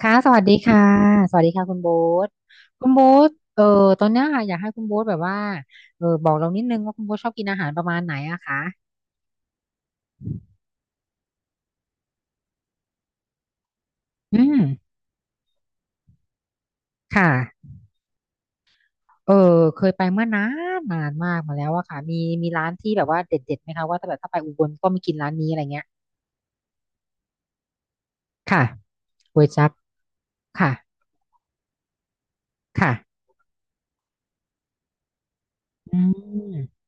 ค่ะสวัสดีค่ะสวัสดีค่ะคุณโบ๊ทคุณโบ๊ทเออตอนเนี้ยค่ะอยากให้คุณโบ๊ทแบบว่าบอกเรานิดนึงว่าคุณโบ๊ทชอบกินอาหารประมาณไหนอะคะอืมค่ะเออเคยไปเมื่อนานนานมากมาแล้วอะค่ะมีร้านที่แบบว่าเด็ดๆไหมคะว่าถ้าแบบถ้าไปอุบลก็ไม่กินร้านนี้อะไรเงี้ยค่ะก๋วยจั๊บค่ะค่ะอืม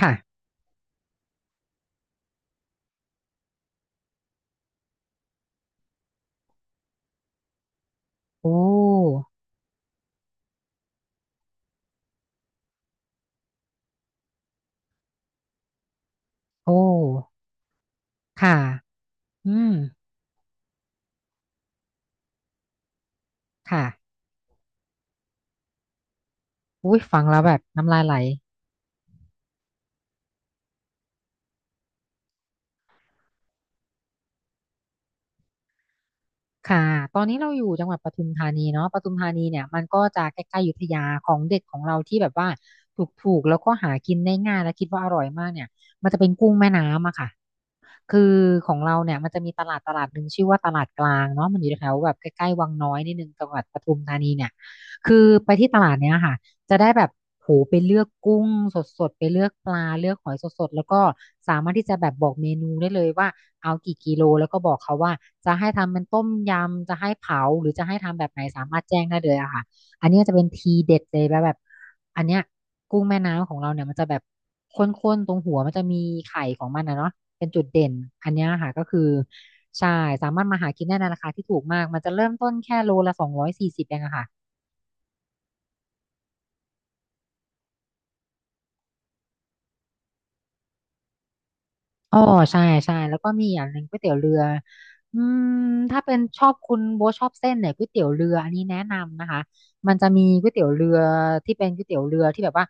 ค่ะโอ้โอ้ค่ะอืมค่ะอุ้ยฟังแล้วแบบน้ำลายไหล ค่ะตอนนี้เราอยู่จังหวัดปทุมธานีเนาะปทุมธานีเนี่ยมันก็จะใกล้ๆอยุธยาของเด็ดของเราที่แบบว่าถูกๆแล้วก็หากินได้ง่ายและคิดว่าอร่อยมากเนี่ยมันจะเป็นกุ้งแม่น้ำอะค่ะคือของเราเนี่ยมันจะมีตลาดตลาดหนึ่งชื่อว่าตลาดกลางเนาะมันอยู่แถวแบบใกล้ๆวังน้อยนิดนึงจังหวัดปทุมธานีเนี่ยคือไปที่ตลาดเนี้ยค่ะ จะได้แบบโหไปเลือกกุ้งสดๆไปเลือกปลาเลือกหอยสดๆแล้วก็สามารถที่จะแบบบอกเมนูได้เลยว่าเอากี่กิโลแล้วก็บอกเขาว่าจะให้ทำเป็นต้มยำจะให้เผาหรือจะให้ทำแบบไหนสามารถแจ้งได้เลยอะค่ะอันนี้จะเป็นทีเด็ดเลยแบบอันเนี้ยกุ้งแม่น้ำของเราเนี่ยมันจะแบบข้นๆตรงหัวมันจะมีไข่ของมันนะเนาะเป็นจุดเด่นอันเนี้ยค่ะก็คือใช่สามารถมาหากินได้ในราคาที่ถูกมากมันจะเริ่มต้นแค่โลละ240เองอะค่ะ อ๋อใช่ใช่แล้วก็มีอย่างหนึ่งก๋วยเตี๋ยวเรืออืมถ้าเป็นชอบคุณโบทชอบเส้นเนี่ยก๋วยเตี๋ยวเรืออันนี้แนะนำนะคะมันจะมีก๋วยเตี๋ยวเรือที่เป็นก๋วยเตี๋ยวเรือที่แบบว่า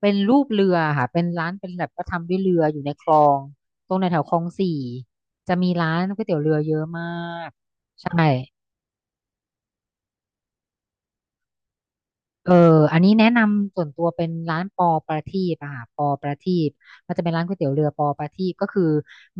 เป็นรูปเรือค่ะเป็นร้านเป็นแบบก็ทำด้วยเรืออยู่ในคลองตรงในแถวคลองสี่จะมีร้านก๋วยเตี๋ยวเรือเยอะมากใช่ เอออันนี้แนะนำส่วนตัวเป็นร้านปอประทีปอะค่ะปอประทีปมันจะเป็นร้านก๋วยเตี๋ยวเรือปอประทีปก็คือ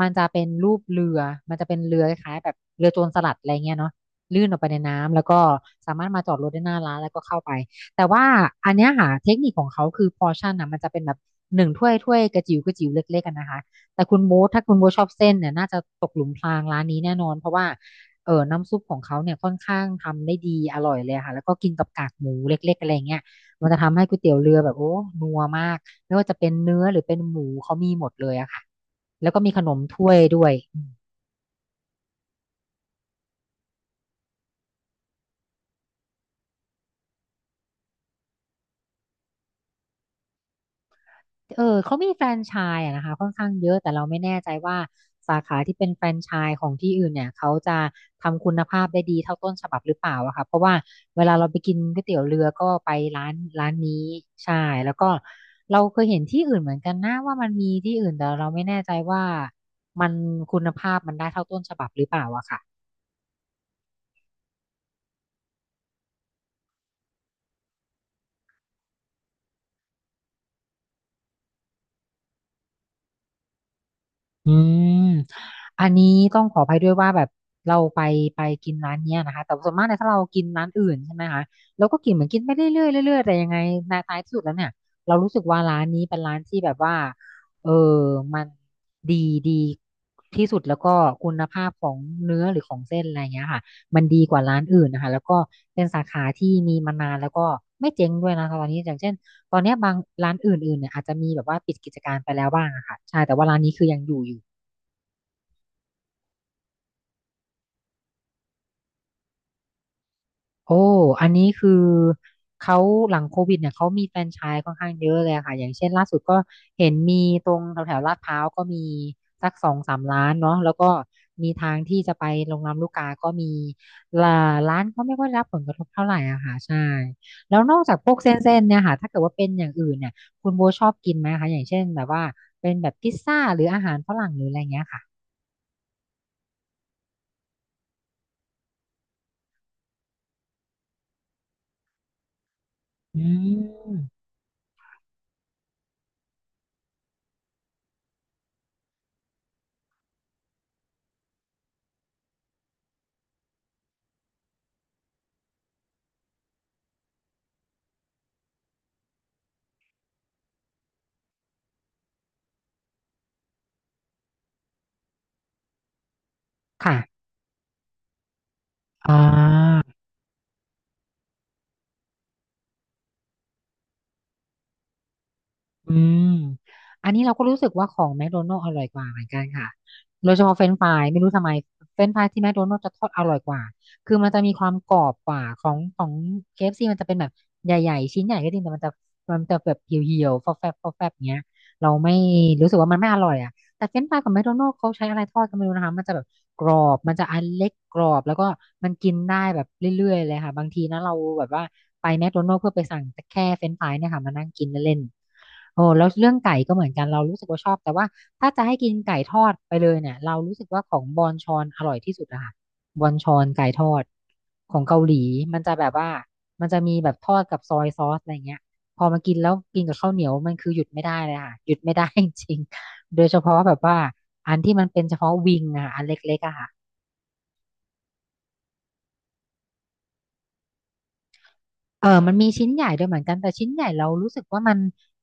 มันจะเป็นรูปเรือมันจะเป็นเรือคล้ายๆแบบเรือโจรสลัดอะไรเงี้ยเนาะลื่นออกไปในน้ำแล้วก็สามารถมาจอดรถได้หน้าร้านแล้วก็เข้าไปแต่ว่าอันเนี้ยค่ะเทคนิคของเขาคือพอร์ชั่นนะมันจะเป็นแบบหนึ่งถ้วยถ้วยกระจิ๋วกระจิ๋วเล็กๆกันนะคะแต่คุณโบ๊ทถ้าคุณโบ๊ทชอบเส้นเนี่ยน่าจะตกหลุมพรางร้านนี้แน่นอนเพราะว่า น้ำซุปของเขาเนี่ยค่อนข้างทำได้ดีอร่อยเลยค่ะแล้วก็กินกับกากหมูเล็กๆอะไรเงี้ยมันจะทำให้ก๋วยเตี๋ยวเรือแบบโอ้นัวมากไม่ว่าจะเป็นเนื้อหรือเป็นหมูเขามีหมดเลยอะค่ะ เออเขามีแฟรนไชส์อะนะคะค่อนข้างเยอะแต่เราไม่แน่ใจว่าสาขาที่เป็นแฟรนไชส์ของที่อื่นเนี่ยเขาจะทำคุณภาพได้ดีเท่าต้นฉบับหรือเปล่าอะค่ะเพราะว่าเวลาเราไปกินก๋วยเตี๋ยวเรือก็ไปร้านร้านนี้ใช่แล้วก็เราเคยเห็นที่อื่นเหมือนกันนะว่ามันมีที่อื่นแต่เราไม่แน่ใจว่ามันคุณภาพมันได้เท่าต้นฉบับหรือเปล่าอะค่ะ อืมอันนี้ต้องขออภัยด้วยว่าแบบเราไปกินร้านเนี้ยนะคะแต่ส่วนมากเนี่ยถ้าเรากินร้านอื่นใช่ไหมคะเราก็กินเหมือนกินไปเรื่อยๆเรื่อยๆแต่ยังไงในท้ายที่สุดแล้วเนี่ยเรารู้สึกว่าร้านนี้เป็นร้านที่แบบว่าเออมันดีดีที่สุดแล้วก็คุณภาพของเนื้อหรือของเส้นอะไรเงี้ยค่ะมันดีกว่าร้านอื่นนะคะแล้วก็เป็นสาขาที่มีมานานแล้วก็ไม่เจ๊งด้วยนะคะตอนนี้อย่างเช่น ตอนเนี้ยบางร้านอื่นๆเนี่ยอาจจะมีแบบว่าปิดกิจการไปแล้วบ้างอะค่ะใช่แต่ว่าร้านนี้คือยังอยู่โอ้อันนี้คือเขาหลังโควิดเนี่ยเขามีแฟรนไชส์ค่อนข้างเยอะเลยอะค่ะอย่างเช่นล่าสุดก็เห็นมีตรงแถวแถวลาดพร้าวก็มีสักสองสามร้านเนาะแล้วก็มีทางที่จะไปลงลำลูกกาก็มีละร้านก็ไม่ค่อยได้รับผลกระทบเท่าไหร่อะค่ะใช่แล้วนอกจากพวกเส้นๆเนี่ยค่ะถ้าเกิดว่าเป็นอย่างอื่นเนี่ยคุณโบชอบกินไหมคะอย่างเช่นแบบว่าเป็นแบบพิซซ่าหรืออาหารฝรั่งหรืออะไรเงี้ยค่ะ อืม ค่ะอ่าอืม อันนี้เราก็รู้สึกว่าของแมคโดนัล d ์อร่อยกว่าเหมือนกันค่ะโดยเฉพาะเฟรนช์ฟรายไม่รู้ทำไมเฟรนช์ฟรายที่แมคโดนัล d ์จะทอดอร่อยกว่าคือมันจะมีความกรอบกว่าของ KFC มันจะเป็นแบบใหญ่ๆชิ้นใหญ่ก็จริงแต่มันจะมันจะแบบเหี่ยวๆฟอแฟบเงี้ยเราไม่รู้สึกว่ามันไม่อร่อยอ่ะ แต่เฟรนช์ฟรายของแมคโดนัลด์เขาใช้อะไรทอดก็ไม่รู้นะคะมันจะแบบกรอบมันจะอันเล็กกรอบแล้วก็มันกินได้แบบเรื่อยๆเลยค่ะบางทีนะเราแบบว่าไปแมคโดนัลด์เพื่อไปสั่งแ่ค่เฟรนช์ฟรายเนี่ยค่ะมานั่งกินเล่นๆโอ้แล้วเรื่องไก่ก็เหมือนกันเรารู้สึกว่าชอบแต่ว่าถ้าจะให้กินไก่ทอดไปเลยเนี่ยเรารู้สึกว่าของบอนชอนอร่อยที่สุดอะค่ะบอนชอนไก่ทอดของเกาหลีมันจะแบบว่ามันจะมีแบบทอดกับซอยซอสอะไรเงี้ยพอมากินแล้วกินกับข้าวเหนียวมันคือหยุดไม่ได้เลยค่ะหยุดไม่ได้จริง โดยเฉพาะแบบว่าอันที่มันเป็นเฉพาะวิงอะค่ะอันเล็กๆอะค่ะเออมันมีชิ้นใหญ่ด้วยเหมือนกันแต่ชิ้นใหญ่เรารู้สึกว่ามัน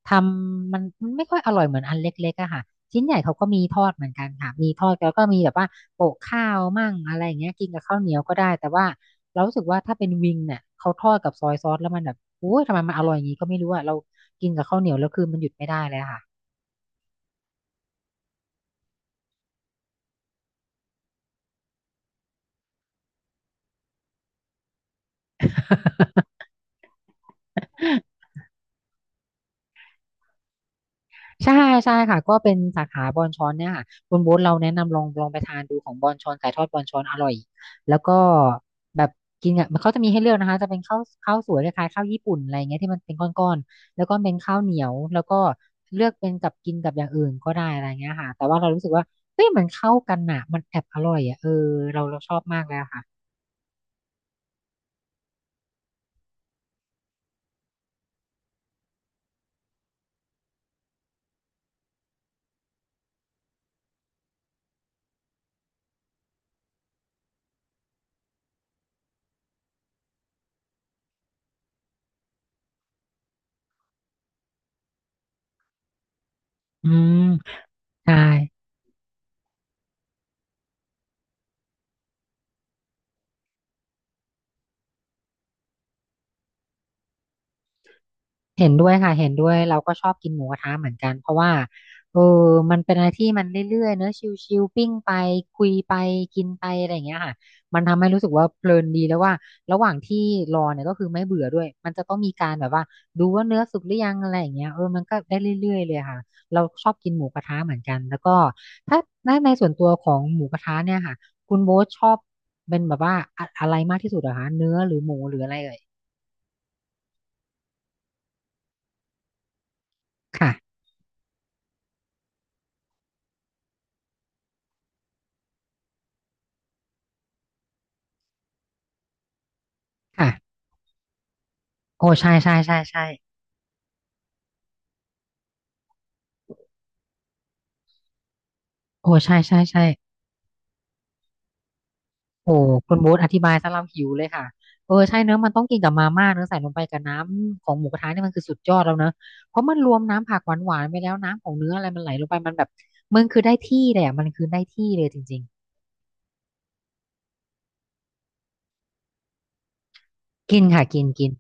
ทำมันมันไม่ค่อยอร่อยเหมือนอันเล็กๆอะค่ะชิ้นใหญ่เขาก็มีทอดเหมือนกันค่ะมีทอดแล้วก็มีแบบว่าโปะข้าวมั่งอะไรอย่างเงี้ยกินกับข้าวเหนียวก็ได้แต่ว่าเรารู้สึกว่าถ้าเป็นวิงเนี่ยเขาทอดกับซอยซอสแล้วมันแบบโอ้ยทำไมมันอร่อยอย่างงี้ก็ไม่รู้อะเรากินกับข้าวเหนียวแล้วคือมันหยุดไม่ได้เลยอะค่ะ ใช่ใช่ค่ะก็เป็นสาขาบอนชอนเนี่ยค่ะคุณโบ๊ทเราแนะนำลองไปทานดูของบอนชอนไก่ทอดบอนชอนอร่อยแล้วก็แบบกินอ่ะมันเขาจะมีให้เลือกนะคะจะเป็นข้าวสวยคล้ายๆข้าวญี่ปุ่นอะไรเงี้ยที่มันเป็นก้อนๆแล้วก็เป็นข้าวเหนียวแล้วก็เลือกเป็นกับกินกับอย่างอื่นก็ได้อะไรเงี้ยค่ะแต่ว่าเรารู้สึกว่าเฮ้ยมันเข้ากันอ่ะมันแอบอร่อยอ่ะเออเราชอบมากเลยอะค่ะอืมใช่ เห็นด้วยค่ะเห็นด้วยเราก็ชอบกินหมูกระทะเหมือนกันเพราะว่าเออมันเป็นอะไรที่มันเรื่อยๆเนอะชิลๆปิ้งไปคุยไปกินไปอะไรอย่างเงี้ยค่ะมันทำให้รู้สึกว่าเพลินดีแล้วว่าระหว่างที่รอเนี่ยก็คือไม่เบื่อด้วยมันจะต้องมีการแบบว่าดูว่าเนื้อสุกหรือยังอะไรอย่างเงี้ยเออมันก็ได้เรื่อยๆเลยค่ะเราชอบกินหมูกระทะเหมือนกันแล้วก็ถ้าในส่วนตัวของหมูกระทะเนี่ยค่ะคุณโบ๊ทชอบเป็นแบบว่าอะไรมากที่สุดเหรอคะเนื้อหรือหมูหรืออะไรเอ่ยค่ะค่ะโอ้ใช่ใช่ใช่ใช่ โอ้ใช่ใช่ใช่โอ้คุณโบ๊ทอธิบายซะเราหิวเลยค่ะเออใช่เนอะมันต้องกินกับมาม่าเนอะใส่ลงไปกับน้ำของหมูกระทะเนี่ยมันคือสุดยอดแล้วเนอะเพราะมันรวมน้ำผักหวานหวานไปแล้วน้ำของเนื้ออะไรมันไหลลงไปมันแบบมันคือได้ที่เลยอ่ะมันคือได้ที่เลยจริงๆกินค่ะกินกิน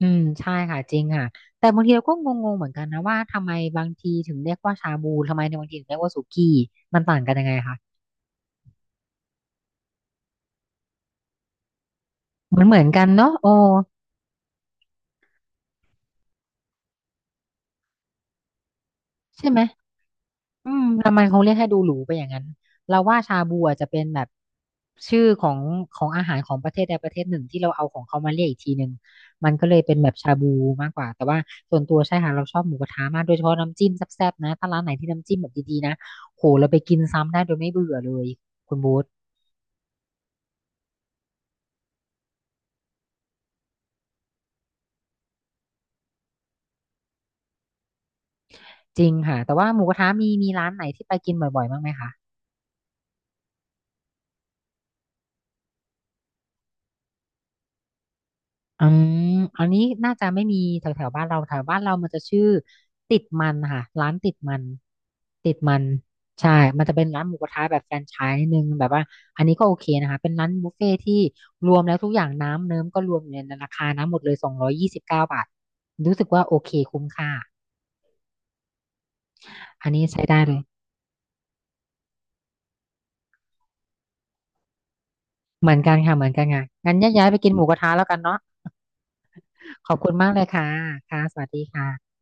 อืมใช่ค่ะจริงค่ะแต่บางทีเราก็งงๆเหมือนกันนะว่าทำไมบางทีถึงเรียกว่าชาบูทำไมในบางทีถึงเรียกว่าสุกี้มันต่างกันยังไงคะเหมือนกันเนอะโอ้ใช่ไหม อืมทำไมเขาเรียกให้ดูหรูไปอย่างนั้น เราว่าชาบูอาจจะเป็นแบบชื่อของอาหารของประเทศใดประเทศหนึ่งที่เราเอาของเขามาเรียกอีกทีหนึ่งมันก็เลยเป็นแบบชาบูมากกว่าแต่ว่าส่วนตัวใช่ค่ะเราชอบหมูกระทะมากโดยเฉพาะน้ำจิ้มแซ่บๆนะ ถ้าร้านไหนที่น้ำจิ้มแบบดีๆนะโหเราไปกินซ้ำได้โดยไม่เบื่อเลยคุณบูธจริงค่ะแต่ว่าหมูกระทะมีร้านไหนที่ไปกินบ่อยๆบ้างไหมคะ อืมอันนี้น่าจะไม่มีแถวแถวบ้านเราแถวบ้านเรามันจะชื่อติดมันค่ะร้านติดมันติดมันใช่ มันจะเป็นร้านหมูกระทะแบบแฟรนไชส์นิดนึงแบบว่าอันนี้ก็โอเคนะคะเป็นร้านบุฟเฟ่ที่รวมแล้วทุกอย่างน้ำเนิ้มก็รวมอยู่ในราคานะหมดเลย229 บาทรู้สึกว่าโอเคคุ้มค่าอันนี้ใช้ได้เลยเหมือนกันค่ะเหมือนกันค่ะงั้นแยกย้ายไปกินหมูกระทะแล้วกันเนาะขอบคุณมากเลยค่ะค่ะสวัสดีค่ะ